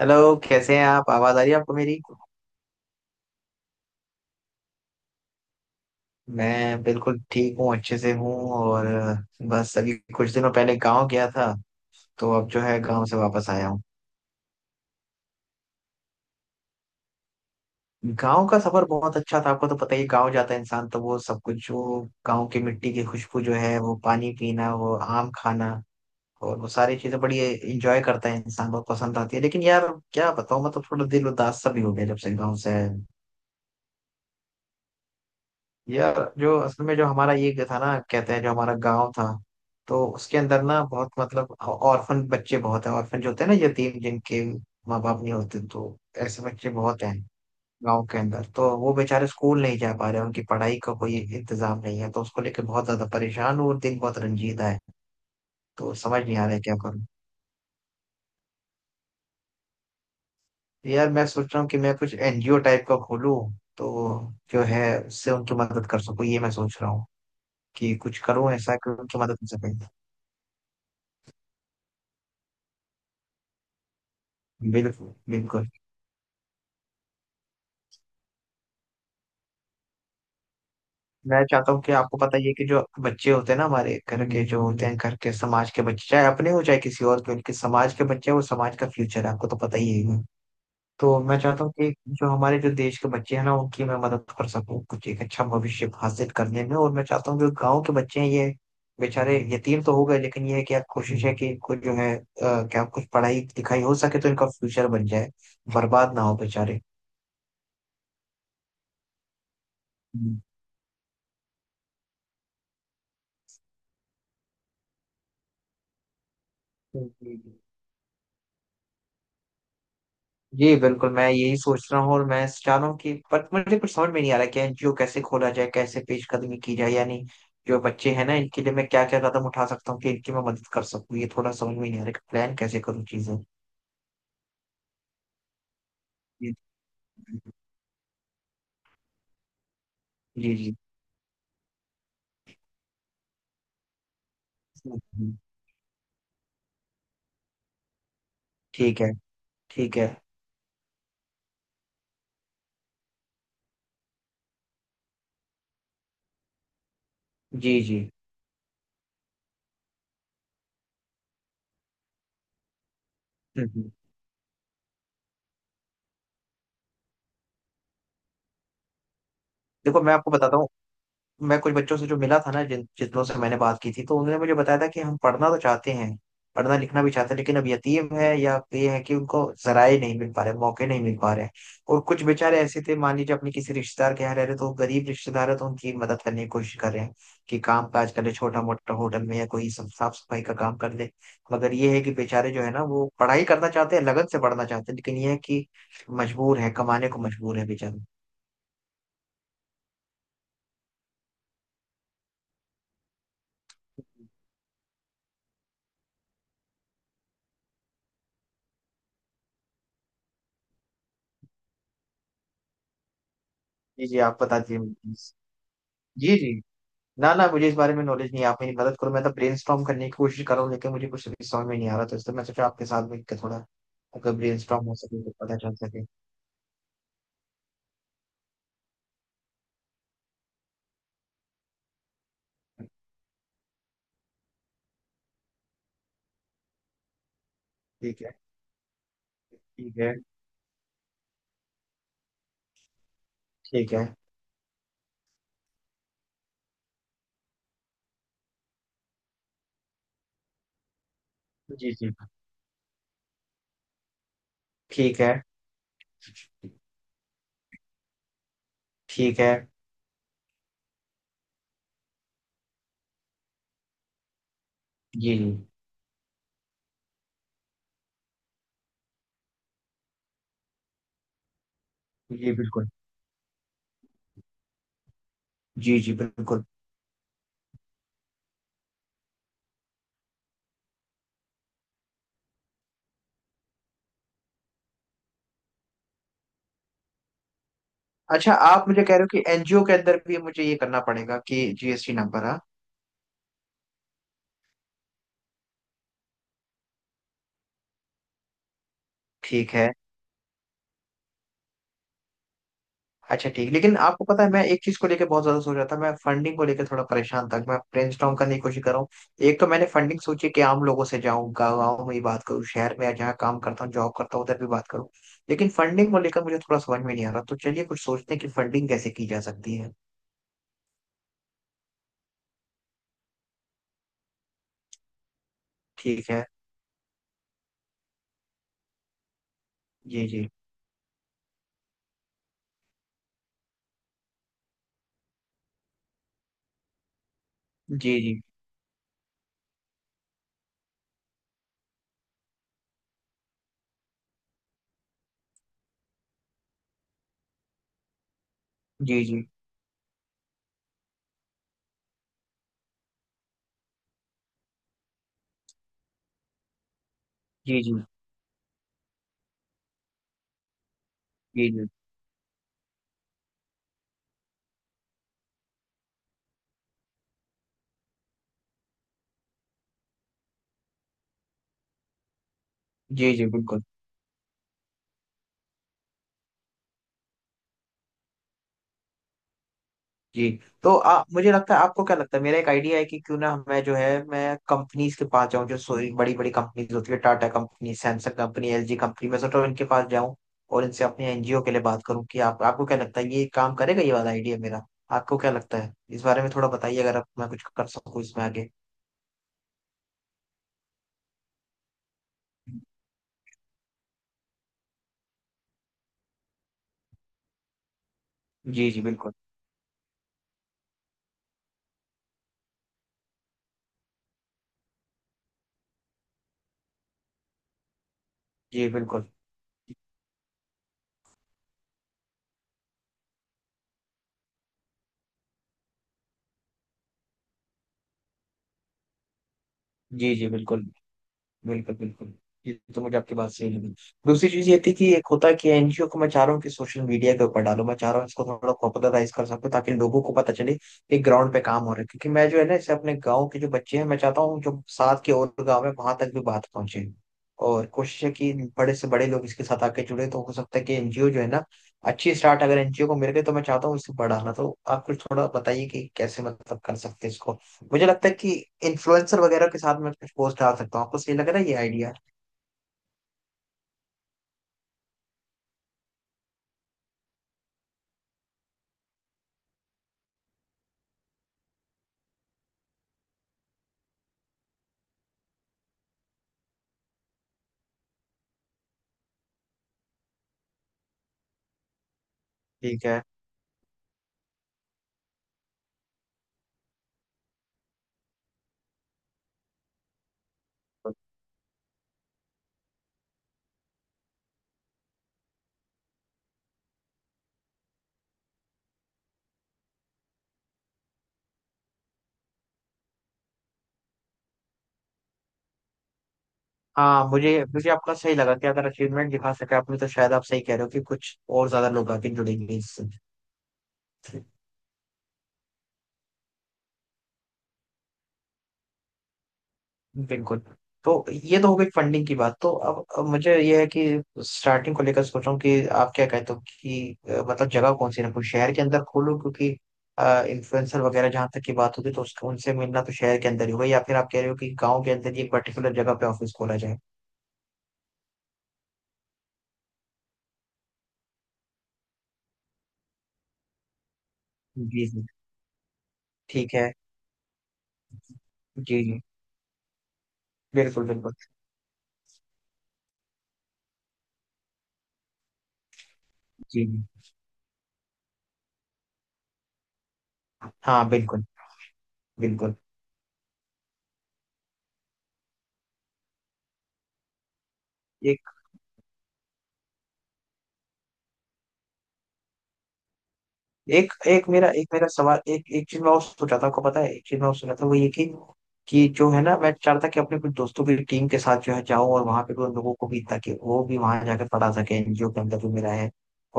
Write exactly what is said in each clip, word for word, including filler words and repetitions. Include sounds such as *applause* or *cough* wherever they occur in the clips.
Hello, कैसे हैं आप? आवाज़ आ रही है आपको मेरी? मैं बिल्कुल ठीक हूँ, अच्छे से हूँ। और बस अभी कुछ दिनों पहले गांव गया था, तो अब जो है गांव से वापस आया हूँ। गांव का सफर बहुत अच्छा था। आपको तो पता ही है, गांव जाता है इंसान तो वो सब कुछ जो गांव की मिट्टी की खुशबू जो है, वो पानी पीना, वो आम खाना और वो सारी चीजें बड़ी इंजॉय करता है इंसान। बहुत पसंद आती है। लेकिन यार क्या बताऊँ, मैं तो थोड़ा दिल उदास सा भी हो गया जब से गाँव से। यार जो असल में जो हमारा ये था ना, कहते हैं जो हमारा गांव था, तो उसके अंदर ना बहुत मतलब ऑर्फन बच्चे बहुत हैं। ऑर्फन जो होते हैं ना, यतीम जिनके माँ बाप नहीं होते, तो ऐसे बच्चे बहुत हैं गांव के अंदर। तो वो बेचारे स्कूल नहीं जा पा रहे, उनकी पढ़ाई का कोई इंतजाम नहीं है, तो उसको लेके बहुत ज्यादा परेशान हूँ और दिल बहुत रंजीदा है। तो समझ नहीं आ रहा है क्या करूँ। यार मैं सोच रहा हूँ कि मैं कुछ एनजीओ टाइप का खोलूँ, तो जो है उससे उनकी मदद कर सकूँ, ये मैं सोच रहा हूँ। कि कुछ करूँ ऐसा कि उनकी मदद कर सकूँ। बिल्कुल बिल्कुल। मैं चाहता हूँ कि आपको पता ही है कि जो बच्चे होते हैं ना हमारे घर के, जो होते हैं घर के, समाज के बच्चे चाहे अपने हो चाहे किसी और के, उनके समाज के बच्चे हैं, वो समाज का फ्यूचर है, आपको तो पता ही है। तो मैं चाहता हूँ कि जो हमारे जो देश के बच्चे हैं ना, उनकी मैं मदद कर सकूँ कुछ एक अच्छा भविष्य हासिल करने में। और मैं चाहता हूँ जो गाँव के बच्चे हैं, ये बेचारे यतीम तो हो गए लेकिन ये है कि आप कोशिश है कि इनको जो है अ, क्या कुछ पढ़ाई लिखाई हो सके तो इनका फ्यूचर बन जाए, बर्बाद ना हो बेचारे। हम्म। जी, जी। जी बिल्कुल, मैं यही सोच रहा हूँ और मैं चाह रहा हूँ कि पर मुझे कुछ समझ में नहीं आ रहा कि एनजीओ कैसे खोला जाए, कैसे पेशकदमी की जाए यानी जो बच्चे हैं ना इनके लिए मैं क्या क्या कदम उठा सकता हूँ कि इनकी मैं मदद कर सकूँ, ये थोड़ा समझ में नहीं आ रहा कि प्लान कैसे करूँ चीजें। जी जी। जी। ठीक है, ठीक है। जी जी। हम्म हम्म। देखो मैं आपको बताता हूँ, मैं कुछ बच्चों से जो मिला था ना, जिन जिन लोगों से मैंने बात की थी तो उन्होंने मुझे बताया था कि हम पढ़ना तो चाहते हैं, पढ़ना लिखना भी चाहते हैं, लेकिन अब यतीम है या ये है कि उनको जराए नहीं मिल पा रहे, मौके नहीं मिल पा रहे हैं। और कुछ बेचारे ऐसे थे, मान लीजिए अपने किसी रिश्तेदार के यहाँ रह रहे, तो वो गरीब रिश्तेदार है, तो उनकी मदद करने की कोशिश कर रहे हैं कि काम काज कर ले छोटा मोटा, होटल में या कोई सब- साफ सफाई का काम कर ले। मगर ये है कि बेचारे जो है ना, वो पढ़ाई करना चाहते हैं, लगन से पढ़ना चाहते हैं, लेकिन ये है कि मजबूर है, कमाने को मजबूर है बेचारे। जी जी, आप बता दीजिए। जी जी। ना ना, मुझे इस बारे में नॉलेज नहीं है, आप मेरी मदद करो। मैं तो ब्रेनस्टॉर्म करने की कोशिश कर रहा हूँ लेकिन मुझे कुछ भी समझ में नहीं आ रहा, तो इसलिए मैं सोचा आपके साथ बैठ के थोड़ा अगर ब्रेनस्टॉर्म हो सके तो पता चल सके। ठीक है, ठीक है। ठीक है। जी जी। ठीक है, ठीक है। जी जी। जी बिल्कुल। जी जी बिल्कुल। अच्छा, आप मुझे कह रहे हो कि एनजीओ के अंदर भी मुझे ये करना पड़ेगा कि जीएसटी नंबर? हाँ। ठीक है। अच्छा ठीक, लेकिन आपको पता है मैं एक चीज को लेकर बहुत ज्यादा सोच रहा था, मैं फंडिंग को लेकर थोड़ा परेशान था। मैं ब्रेनस्टॉर्म करने की कोशिश कर रहा हूँ। एक तो मैंने फंडिंग सोची कि आम लोगों से, जाऊँ गाँव में ही बात करूँ, शहर में जहाँ काम करता हूँ जॉब करता हूँ उधर भी बात करूँ। लेकिन फंडिंग को लेकर मुझे थोड़ा समझ में नहीं आ रहा, तो चलिए कुछ सोचते हैं कि फंडिंग कैसे की जा सकती है। ठीक है। जी जी। जी जी। जी जी। जी जी। जी जी जी बिल्कुल। जी। तो आ, मुझे लगता है, आपको क्या लगता है, मेरा एक आइडिया है कि क्यों ना मैं जो है मैं कंपनीज के पास जाऊं, जो सोई बड़ी बड़ी कंपनीज होती है, Tata company, Samsung company, LG company, मैं सोच रहा हूं इनके पास जाऊं और इनसे अपने एनजीओ के लिए बात करूं कि आप, आपको क्या लगता है ये काम करेगा ये वाला आइडिया मेरा? आपको क्या लगता है इस बारे में थोड़ा बताइए, अगर आप मैं कुछ कर सकूं इसमें आगे। जी जी बिल्कुल। जी बिल्कुल। जी जी बिल्कुल। बिल्कुल बिल्कुल। ये तो मुझे आपकी बात सही लगी। दूसरी चीज ये थी कि एक होता है कि एनजीओ को मैं चाह रहा हूँ कि सोशल मीडिया के ऊपर डालो, मैं चाह रहा हूँ इसको थोड़ा पॉपुलराइज कर सकूं ताकि लोगों को पता चले कि ग्राउंड पे काम हो रहा है, क्योंकि मैं जो है ना इसे अपने गाँव के जो बच्चे हैं, मैं चाहता हूँ जो साथ के और गाँव है वहां तक भी बात पहुंचे और कोशिश है कि बड़े से बड़े लोग इसके साथ आके जुड़े। तो हो सकता है कि एनजीओ जो है ना, अच्छी स्टार्ट अगर एनजीओ को मिल गई तो मैं चाहता हूँ इसे बढ़ाना। तो आप कुछ थोड़ा बताइए कि कैसे मतलब कर सकते हैं इसको। मुझे लगता है कि इन्फ्लुएंसर वगैरह के साथ मैं कुछ पोस्ट डाल सकता हूँ, आपको सही लग रहा है ये आइडिया? ठीक है। हाँ, मुझे मुझे आपका सही लगा कि अगर अचीवमेंट दिखा सके आपने तो शायद आप सही कह रहे हो कि कुछ और ज्यादा लोग आके जुड़ेंगे इससे। बिल्कुल। तो ये तो हो गई फंडिंग की बात। तो अब अब मुझे ये है कि स्टार्टिंग को लेकर सोच रहा हूँ कि आप क्या कहते हो कि अ, मतलब जगह कौन सी रखूँ? शहर के अंदर खोलूँ क्योंकि इन्फ्लुएंसर वगैरह जहाँ तक की बात होती तो उसको उनसे मिलना तो शहर के अंदर ही होगा, या फिर आप कह रहे हो कि गाँव के अंदर ही एक पर्टिकुलर जगह पे ऑफिस खोला जाए? जी जी। ठीक है। जी जी बिल्कुल बिल्कुल। जी जी। हाँ बिल्कुल। बिल्कुल। ये एक एक मेरा एक मेरा सवाल एक एक चीज मैं और सोचा था, आपको पता है एक चीज मैं और सोचा था वो ये कि कि जो है ना मैं चाह रहा था कि अपने कुछ दोस्तों की टीम के साथ जो है जाऊं और वहां पे भी उन लोगों को भी, ताकि वो भी वहां जाकर पढ़ा सके, एनजीओ के अंदर भी मेरा है।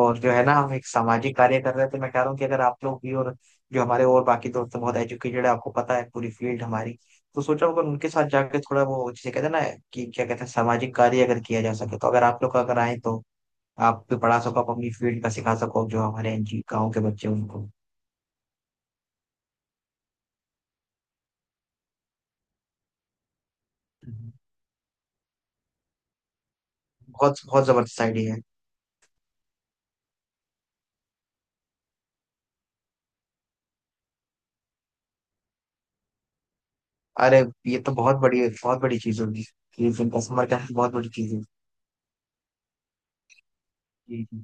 और जो है ना हम एक सामाजिक कार्य कर रहे थे, मैं चाह रहा हूँ कि अगर आप लोग भी, और जो हमारे और बाकी दोस्त हैं, बहुत एजुकेटेड है, आपको पता है पूरी फील्ड हमारी, तो सोचा अगर उनके साथ जाके थोड़ा वो जिसे कहते हैं ना कि क्या कहते हैं सामाजिक कार्य अगर किया जा सके, तो अगर आप लोग अगर आए तो आप भी पढ़ा सको, आप अपनी फील्ड का सिखा सको जो हमारे एनजी गाँव के बच्चे हैं उनको। हम्म। बहुत बहुत जबरदस्त आइडिया है। अरे ये तो बहुत बड़ी बहुत बड़ी चीज होगी, ये जिनका समर कैंप बहुत बड़ी चीज है। जी जी।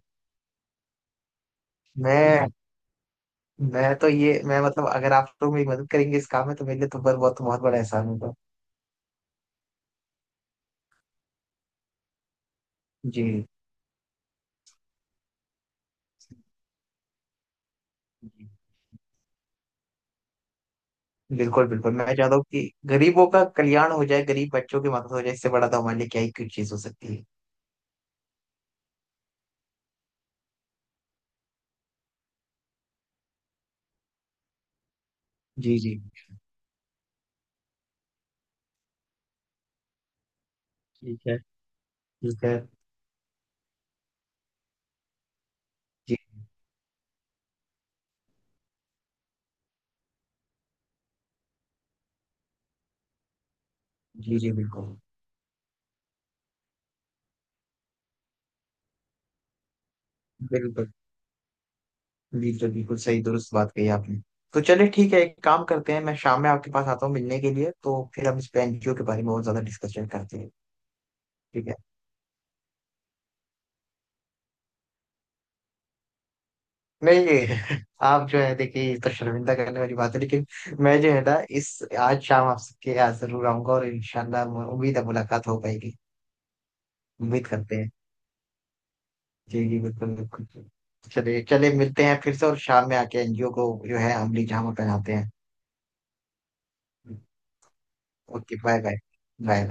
मैं मैं तो ये मैं मतलब अगर आप लोग मेरी मदद करेंगे इस काम में तो मेरे लिए तो बहुत बहुत बहुत बड़ा एहसान होगा। जी जी। बिल्कुल बिल्कुल, मैं चाहता हूँ कि गरीबों का कल्याण हो जाए, गरीब बच्चों की मदद हो जाए। इससे बड़ा तो हमारे लिए क्या ही कुछ चीज हो सकती है। जी जी। ठीक है, ठीक है। जी जी। जी। बिल्कुल बिल्कुल बिल्कुल बिल्कुल, सही दुरुस्त बात कही आपने। तो चलिए ठीक है, एक काम करते हैं, मैं शाम में आपके पास आता हूँ मिलने के लिए, तो फिर हम इस पे एनजीओ के बारे में और ज्यादा डिस्कशन करते हैं। ठीक है। नहीं *laughs* आप जो है देखिए ये तो शर्मिंदा करने वाली बात है, लेकिन मैं जो है ना इस आज शाम आपके यहाँ जरूर आऊंगा और इंशाल्लाह उम्मीद है मुलाकात हो पाएगी। उम्मीद करते हैं। जी जी बिल्कुल बिल्कुल। चलिए चलिए मिलते हैं फिर से और शाम में आके एनजीओ को जो है अमली जामा पहनाते हैं। Okay bye bye. Bye bye.